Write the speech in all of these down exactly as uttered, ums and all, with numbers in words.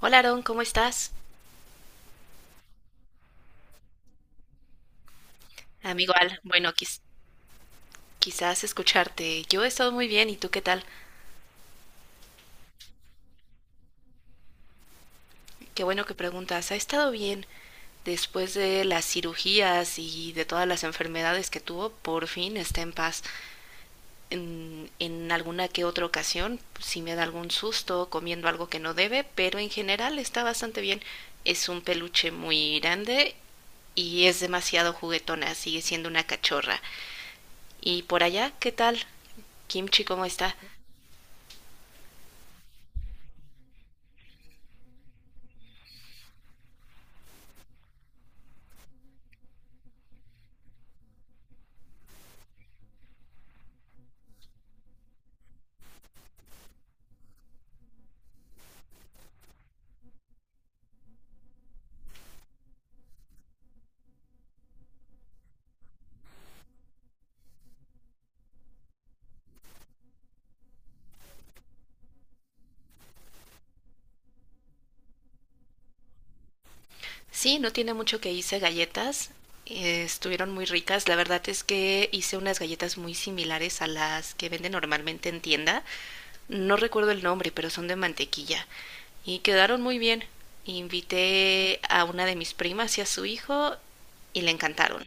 Hola Aaron, ¿cómo estás? Amigo Al, bueno, quiz- quizás escucharte. Yo he estado muy bien, ¿y tú qué tal? Qué bueno que preguntas. ¿Ha estado bien después de las cirugías y de todas las enfermedades que tuvo? Por fin está en paz. En, en alguna que otra ocasión, si me da algún susto comiendo algo que no debe, pero en general está bastante bien. Es un peluche muy grande y es demasiado juguetona, sigue siendo una cachorra. ¿Y por allá qué tal? Kimchi, ¿cómo está? Sí, no tiene mucho que hice galletas. Eh, estuvieron muy ricas. La verdad es que hice unas galletas muy similares a las que venden normalmente en tienda. No recuerdo el nombre, pero son de mantequilla. Y quedaron muy bien. Invité a una de mis primas y a su hijo y le encantaron.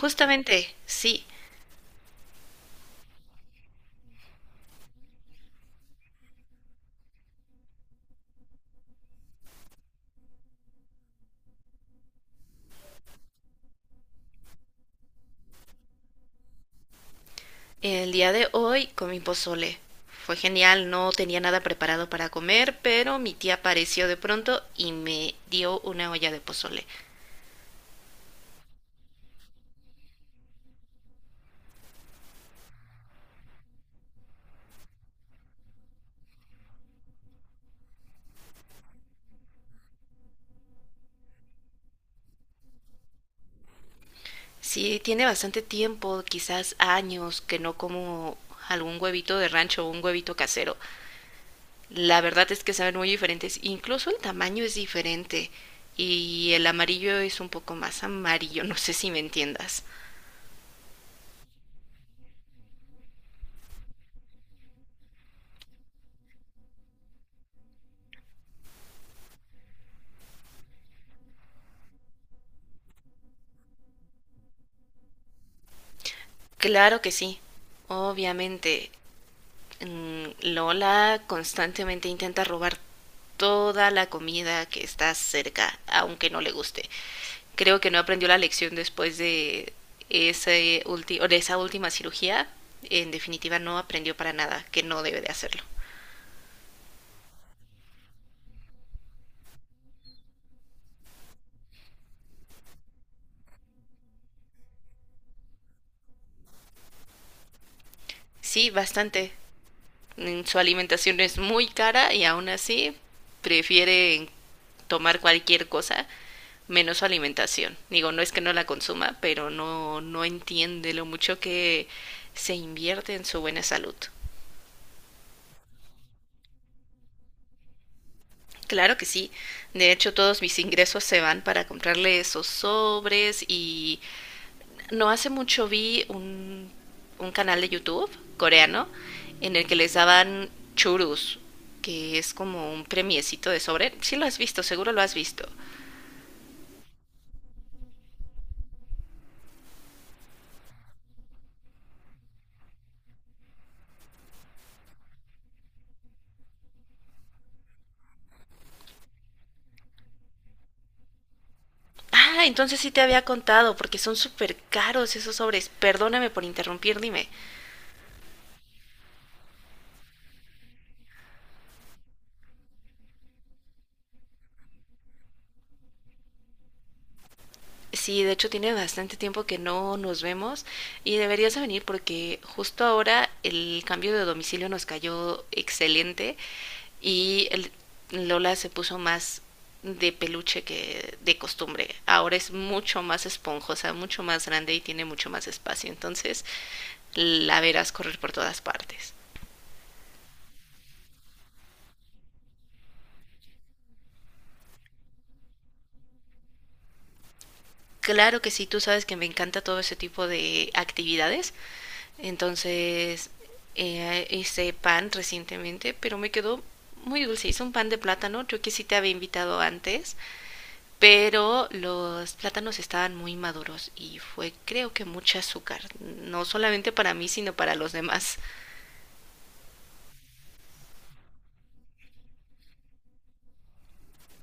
Justamente, sí. El día de hoy comí pozole. Fue genial, no tenía nada preparado para comer, pero mi tía apareció de pronto y me dio una olla de pozole. Sí, tiene bastante tiempo, quizás años, que no como algún huevito de rancho o un huevito casero. La verdad es que saben muy diferentes, incluso el tamaño es diferente y el amarillo es un poco más amarillo, no sé si me entiendas. Claro que sí, obviamente. Lola constantemente intenta robar toda la comida que está cerca, aunque no le guste. Creo que no aprendió la lección después de, ese ulti de esa última cirugía. En definitiva, no aprendió para nada, que no debe de hacerlo. Sí, bastante. Mm, Su alimentación es muy cara y aún así prefiere tomar cualquier cosa menos su alimentación. Digo, no es que no la consuma, pero no, no entiende lo mucho que se invierte en su buena salud. Claro que sí. De hecho, todos mis ingresos se van para comprarle esos sobres y no hace mucho vi un, un canal de YouTube coreano en el que les daban churus, que es como un premiecito de sobre. Sí lo has visto, seguro lo has visto. Ah, entonces sí te había contado, porque son súper caros esos sobres. Perdóname por interrumpir, dime. Sí, de hecho tiene bastante tiempo que no nos vemos y deberías de venir porque justo ahora el cambio de domicilio nos cayó excelente y el- Lola se puso más de peluche que de costumbre. Ahora es mucho más esponjosa, mucho más grande y tiene mucho más espacio. Entonces la verás correr por todas partes. Claro que sí, tú sabes que me encanta todo ese tipo de actividades. Entonces, eh, hice pan recientemente, pero me quedó muy dulce. Hice un pan de plátano, yo que sí te había invitado antes, pero los plátanos estaban muy maduros y fue creo que mucha azúcar, no solamente para mí, sino para los demás.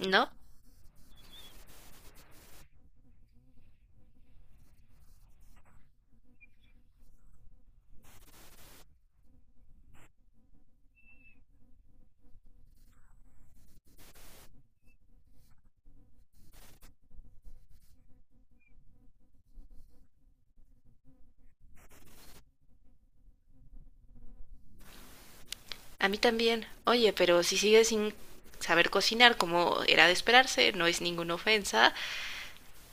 ¿No? A mí también. Oye, pero si sigues sin saber cocinar como era de esperarse, no es ninguna ofensa,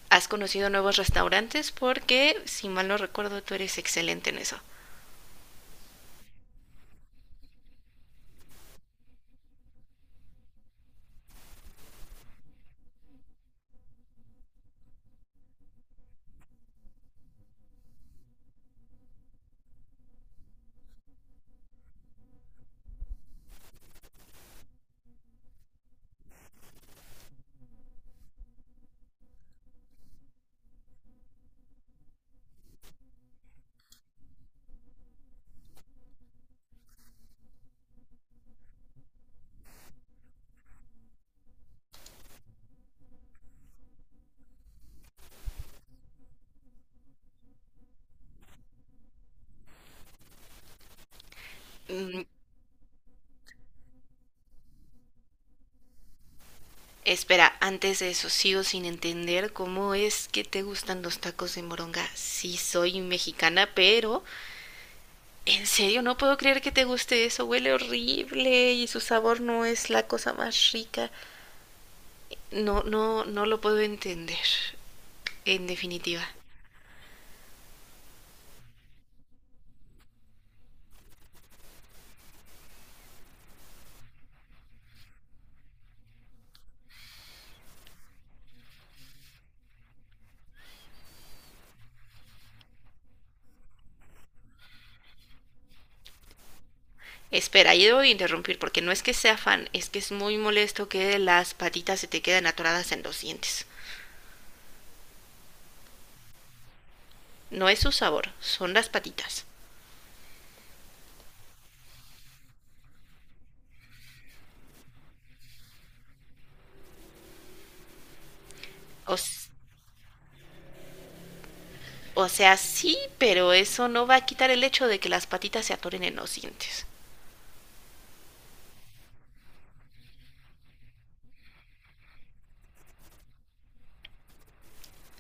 has conocido nuevos restaurantes porque, si mal no recuerdo, tú eres excelente en eso. Mm, Espera, antes de eso sigo sin entender cómo es que te gustan los tacos de moronga. Sí, soy mexicana, pero en serio no puedo creer que te guste eso. Huele horrible y su sabor no es la cosa más rica. No, no, no lo puedo entender. En definitiva. Espera, yo debo de interrumpir porque no es que sea fan, es que es muy molesto que las patitas se te queden atoradas en los dientes. No es su sabor, son las patitas. O, o sea, sí, pero eso no va a quitar el hecho de que las patitas se atoren en los dientes.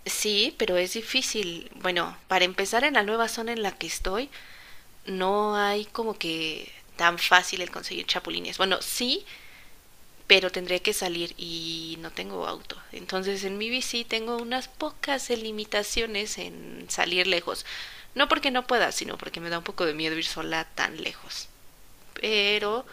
Sí, pero es difícil. Bueno, para empezar en la nueva zona en la que estoy, no hay como que tan fácil el conseguir chapulines. Bueno, sí, pero tendré que salir y no tengo auto. Entonces en mi bici tengo unas pocas limitaciones en salir lejos. No porque no pueda, sino porque me da un poco de miedo ir sola tan lejos. Pero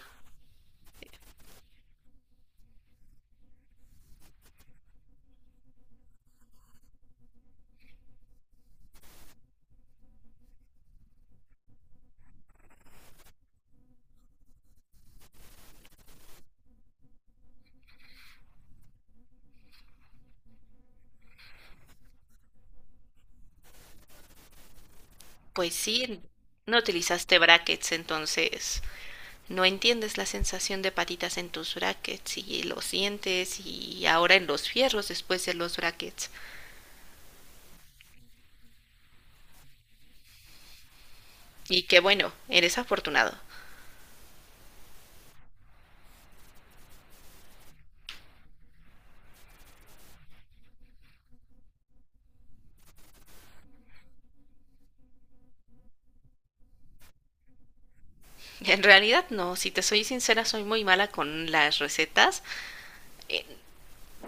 pues sí, no utilizaste brackets, entonces no entiendes la sensación de patitas en tus brackets y los sientes y ahora en los fierros después de los brackets. Y qué bueno, eres afortunado. En realidad no, si te soy sincera soy muy mala con las recetas. Eh,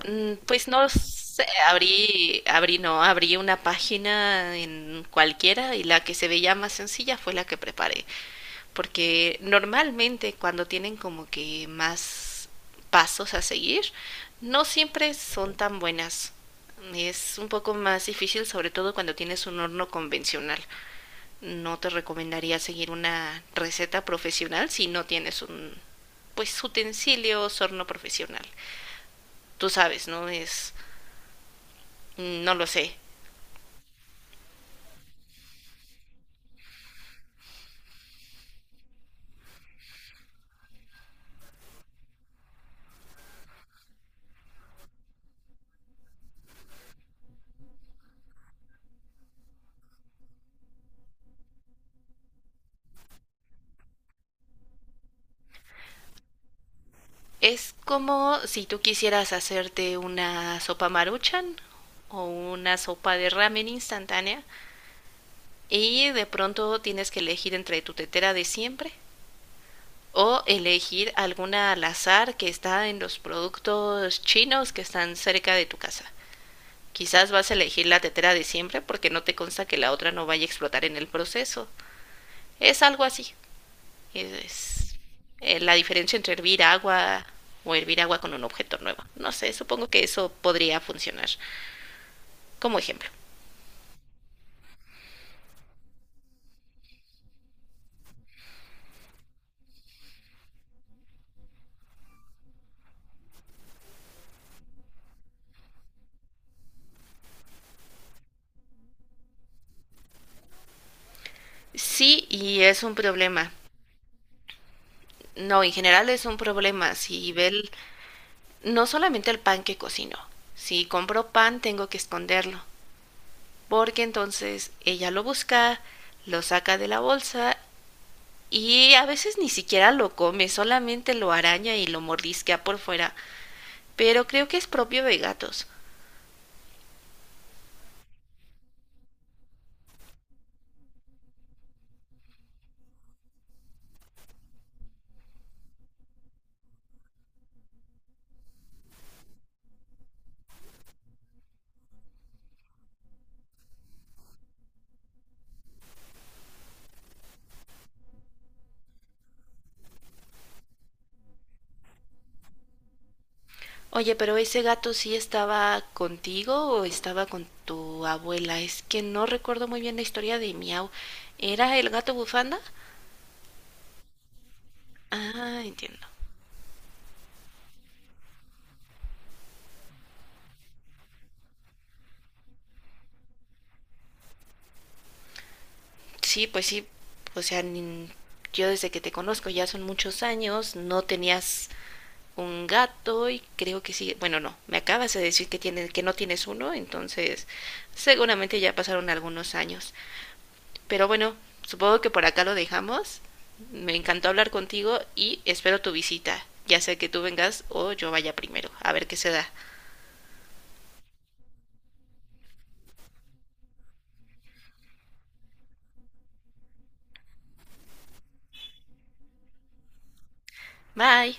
Mm, Pues no sé, abrí, abrí, no, abrí una página en cualquiera y la que se veía más sencilla fue la que preparé. Porque normalmente cuando tienen como que más pasos a seguir, no siempre son tan buenas. Es un poco más difícil, sobre todo cuando tienes un horno convencional. No te recomendaría seguir una receta profesional si no tienes un, pues, utensilios, horno profesional. Tú sabes, ¿no? Es Mm, No lo sé. Es como si tú quisieras hacerte una sopa maruchan o una sopa de ramen instantánea y de pronto tienes que elegir entre tu tetera de siempre o elegir alguna al azar que está en los productos chinos que están cerca de tu casa. Quizás vas a elegir la tetera de siempre porque no te consta que la otra no vaya a explotar en el proceso. Es algo así. Es, es eh, La diferencia entre hervir agua o hervir agua con un objeto nuevo. No sé, supongo que eso podría funcionar como ejemplo. Sí, y es un problema. No, en general es un problema. Si ve el- no solamente el pan que cocino. Si compro pan tengo que esconderlo, porque entonces ella lo busca, lo saca de la bolsa y a veces ni siquiera lo come, solamente lo araña y lo mordisquea por fuera. Pero creo que es propio de gatos. Oye, pero ese gato sí estaba contigo o estaba con tu abuela. Es que no recuerdo muy bien la historia de Miau. ¿Era el gato bufanda? Ah, entiendo. Sí, pues sí. O sea, ni- yo desde que te conozco ya son muchos años, no tenías un gato y creo que sí. Bueno, no, me acabas de decir que tienes que no tienes uno, entonces seguramente ya pasaron algunos años. Pero bueno, supongo que por acá lo dejamos. Me encantó hablar contigo y espero tu visita, ya sea que tú vengas o yo vaya primero, a ver qué se da. Bye.